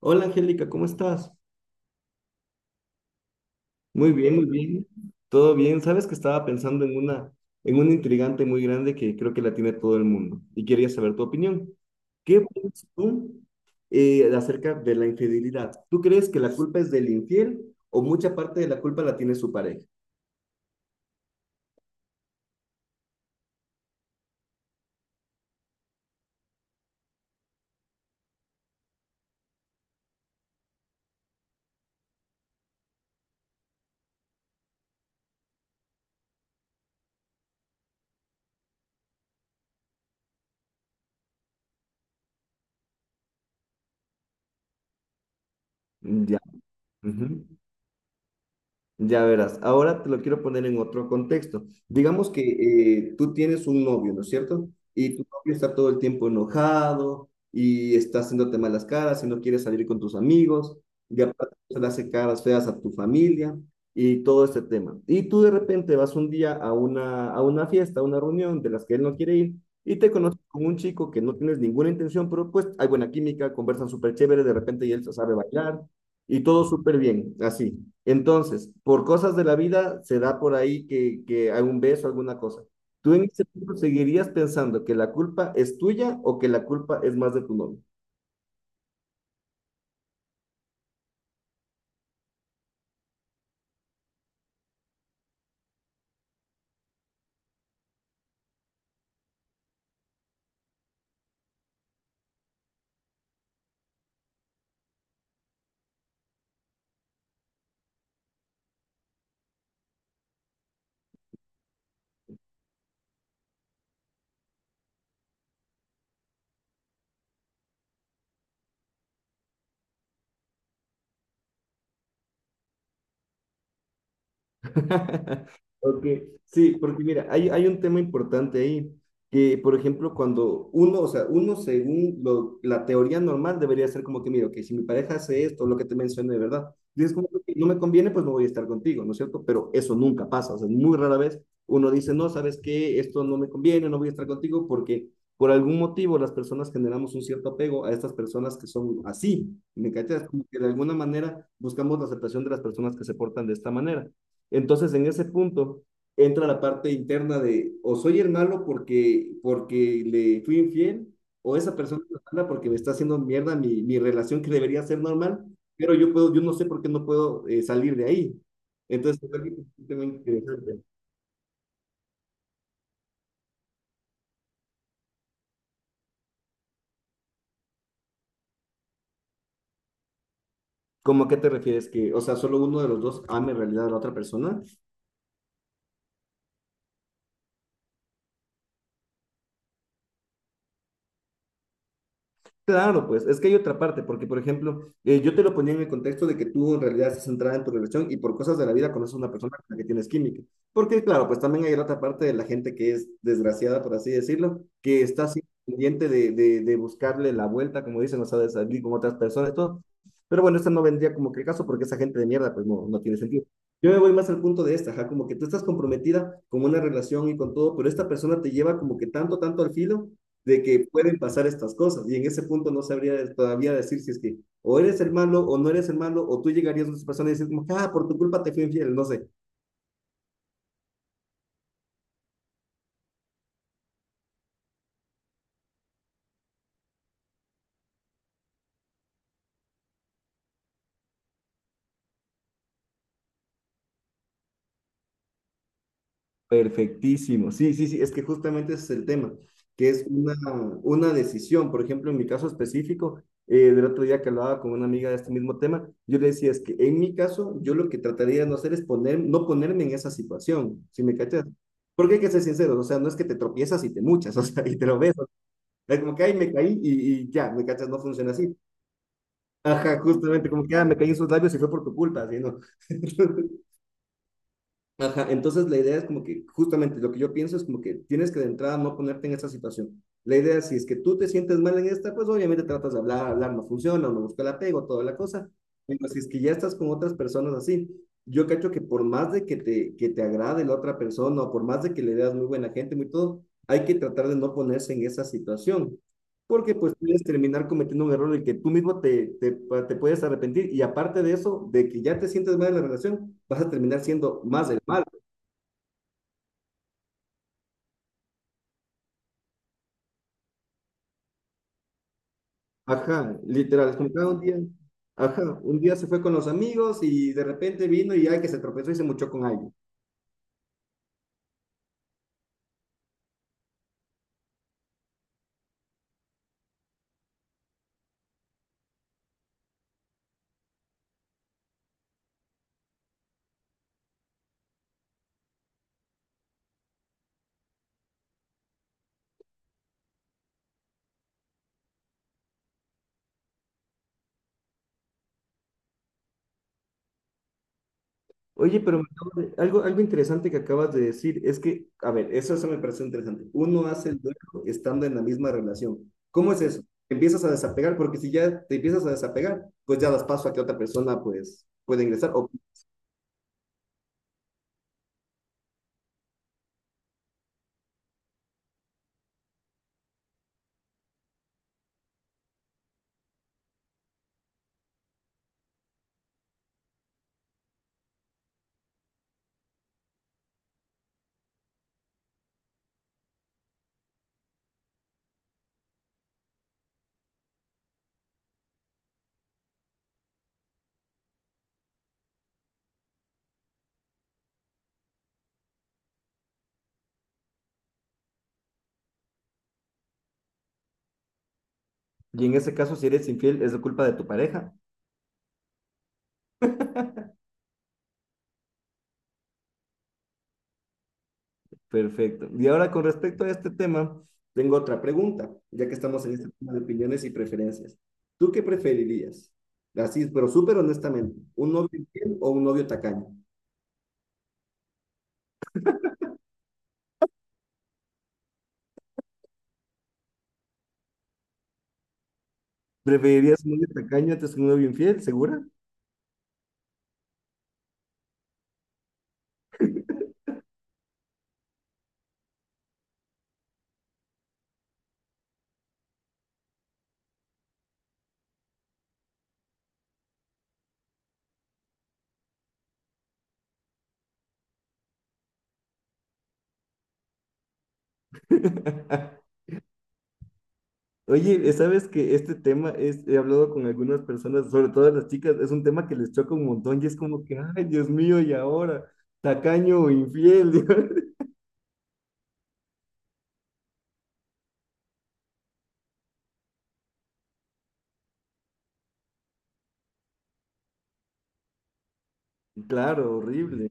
Hola Angélica, ¿cómo estás? Muy bien, muy bien. Todo bien. Sabes que estaba pensando en una intrigante muy grande que creo que la tiene todo el mundo y quería saber tu opinión. ¿Qué piensas tú acerca de la infidelidad? ¿Tú crees que la culpa es del infiel o mucha parte de la culpa la tiene su pareja? Ya. Ujú. Ya verás, ahora te lo quiero poner en otro contexto. Digamos que tú tienes un novio, ¿no es cierto? Y tu novio está todo el tiempo enojado y está haciéndote malas caras y no quiere salir con tus amigos y aparte le hace caras feas a tu familia y todo este tema. Y tú de repente vas un día a una fiesta, a una reunión de las que él no quiere ir y te conoces con un chico que no tienes ninguna intención, pero pues hay buena química, conversan súper chévere, de repente y él se sabe bailar. Y todo súper bien, así. Entonces, por cosas de la vida, se da por ahí que hay un beso, alguna cosa. ¿Tú en ese punto seguirías pensando que la culpa es tuya o que la culpa es más de tu novio? Ok, sí, porque mira, hay un tema importante ahí, que por ejemplo, cuando uno, o sea, uno según la teoría normal debería ser como que, mira, que si mi pareja hace esto, lo que te mencioné, de ¿verdad? Dices como que ok, no me conviene, pues no voy a estar contigo, ¿no es cierto? Pero eso nunca pasa, o sea, muy rara vez uno dice, no, ¿sabes qué? Esto no me conviene, no voy a estar contigo, porque por algún motivo las personas generamos un cierto apego a estas personas que son así, ¿me cachas? Como que de alguna manera buscamos la aceptación de las personas que se portan de esta manera. Entonces, en ese punto entra la parte interna de o soy el malo porque, porque le fui infiel, o esa persona es mala porque me está haciendo mierda mi relación que debería ser normal, pero yo puedo, yo no sé por qué no puedo salir de ahí. Entonces, es algo que es muy interesante. ¿Cómo a qué te refieres? Que, o sea, solo uno de los dos ama en realidad a la otra persona. Claro, pues es que hay otra parte, porque por ejemplo, yo te lo ponía en el contexto de que tú en realidad estás centrada en tu relación y por cosas de la vida conoces a una persona con la que tienes química. Porque claro, pues también hay la otra parte de la gente que es desgraciada, por así decirlo, que está así pendiente de buscarle la vuelta, como dicen, o sea, de salir con otras personas y todo. Pero bueno, esto no vendría como que el caso porque esa gente de mierda pues no, no tiene sentido. Yo me voy más al punto de esta, ajá, como que tú estás comprometida con una relación y con todo, pero esta persona te lleva como que tanto al filo de que pueden pasar estas cosas. Y en ese punto no sabría todavía decir si es que o eres el malo o no eres el malo, o tú llegarías a esa persona y dices, como, ah, por tu culpa te fui infiel, no sé. Perfectísimo. Sí, sí, sí, es que justamente ese es el tema, que es una decisión. Por ejemplo, en mi caso específico, del otro día que hablaba con una amiga de este mismo tema, yo le decía, es que en mi caso, yo lo que trataría de no hacer es poner, no ponerme en esa situación, si me cachas. Porque hay que ser sinceros, o sea, no es que te tropiezas y te muchas, o sea, y te lo ves. Es como que, ay, me caí y ya, me cachas, no funciona así. Ajá, justamente, como que, ah, me caí en sus labios y fue por tu culpa, así, ¿no? Ajá, entonces la idea es como que, justamente, lo que yo pienso es como que tienes que de entrada no ponerte en esa situación. La idea es, si es que tú te sientes mal en esta, pues obviamente tratas de hablar, hablar no funciona, uno busca el apego, toda la cosa. Pero si es que ya estás con otras personas así, yo cacho que por más de que que te agrade la otra persona o por más de que le veas muy buena gente, muy todo, hay que tratar de no ponerse en esa situación porque pues puedes terminar cometiendo un error en el que tú mismo te puedes arrepentir y aparte de eso, de que ya te sientes mal en la relación, vas a terminar siendo más el mal. Ajá, literal, es como cada un día, ajá, un día se fue con los amigos y de repente vino y ay que se tropezó y se mochó con alguien. Oye, pero algo, algo interesante que acabas de decir es que, a ver, eso me pareció interesante. Uno hace el duelo estando en la misma relación. ¿Cómo es eso? Te empiezas a desapegar, porque si ya te empiezas a desapegar, pues ya das paso a que otra persona pues pueda ingresar o... Y en ese caso, si eres infiel, es la culpa de tu pareja. Perfecto. Y ahora con respecto a este tema, tengo otra pregunta, ya que estamos en este tema de opiniones y preferencias. ¿Tú qué preferirías? Así, pero súper honestamente, ¿un novio infiel o un novio tacaño? ¿Preferirías un novio tacaño antes que un novio infiel, segura? Oye, sabes que este tema es, he hablado con algunas personas, sobre todo las chicas, es un tema que les choca un montón y es como que, ay, Dios mío, y ahora, tacaño o infiel. Claro, horrible.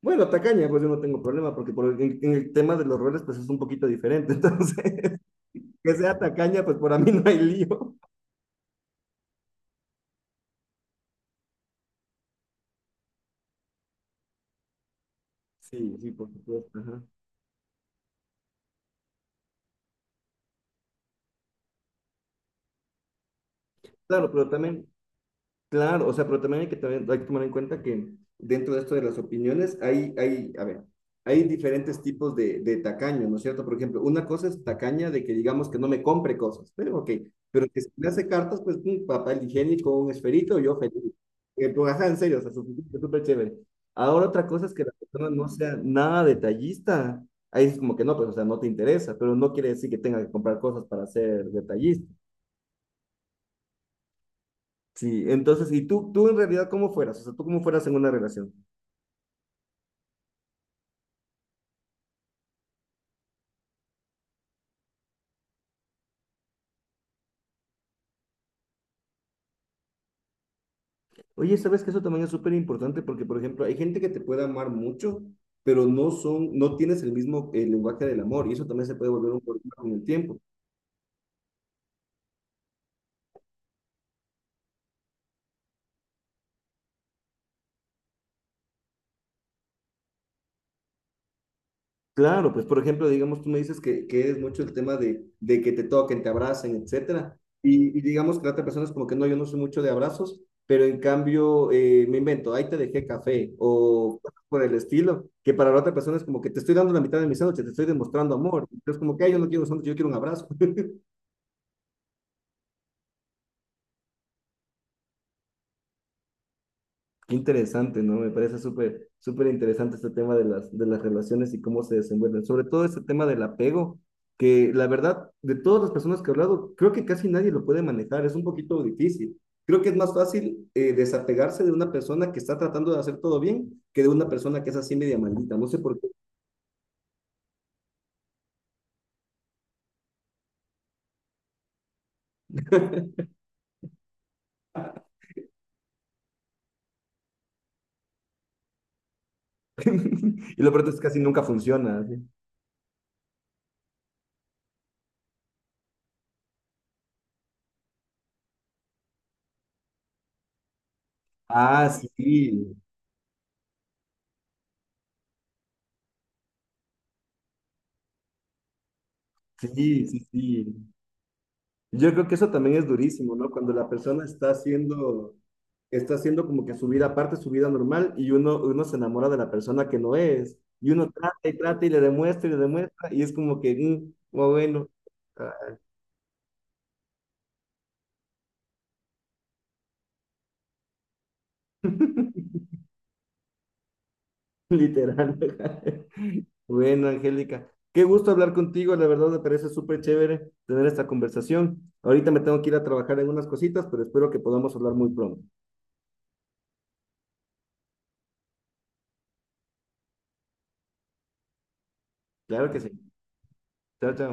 Bueno, tacaña, pues yo no tengo problema, porque en el tema de los roles, pues es un poquito diferente. Entonces, que sea tacaña, pues para mí no hay lío. Sí, sí, por supuesto, ajá. Claro, pero también, claro, o sea, pero también, hay que tomar en cuenta que dentro de esto de las opiniones hay, hay, a ver, hay diferentes tipos de tacaño, ¿no es cierto? Por ejemplo, una cosa es tacaña de que digamos que no me compre cosas, pero ok, pero que si me hace cartas, pues un papel higiénico, un esferito, yo feliz. Pues, ajá, en serio, o sea, súper súper chévere. Ahora otra cosa es que la persona no sea nada detallista. Ahí es como que no, pues, o sea, no te interesa, pero no quiere decir que tenga que comprar cosas para ser detallista. Sí, entonces, ¿y tú en realidad cómo fueras? O sea, ¿tú cómo fueras en una relación? Oye, ¿sabes que eso también es súper importante? Porque, por ejemplo, hay gente que te puede amar mucho, pero no son, no tienes el mismo lenguaje del amor, y eso también se puede volver un problema con el tiempo. Claro, pues por ejemplo, digamos, tú me dices que es mucho el tema de que te toquen, te abracen, etcétera. Y digamos que la otra persona es como que no, yo no soy mucho de abrazos, pero en cambio me invento, ahí te dejé café o cosas por el estilo, que para la otra persona es como que te estoy dando la mitad de mi sándwich, te estoy demostrando amor. Entonces, como que, ay, yo no quiero sándwich, yo quiero un abrazo. Qué interesante, ¿no? Me parece súper, súper interesante este tema de de las relaciones y cómo se desenvuelven. Sobre todo este tema del apego, que la verdad, de todas las personas que he hablado, creo que casi nadie lo puede manejar. Es un poquito difícil. Creo que es más fácil desapegarse de una persona que está tratando de hacer todo bien que de una persona que es así media maldita. No sé por qué. Y lo peor es que casi nunca funciona, así. Ah, sí, sí, sí, sí. Yo creo que eso también es durísimo, ¿no? Cuando la persona está haciendo como que su vida aparte, su vida normal, y uno, uno se enamora de la persona que no es, y uno trata y trata y le demuestra y le demuestra, y es como que, mm, oh, bueno, literal. Bueno, Angélica, qué gusto hablar contigo, la verdad me parece súper chévere tener esta conversación. Ahorita me tengo que ir a trabajar en unas cositas, pero espero que podamos hablar muy pronto. Claro que sí. Chao, chao.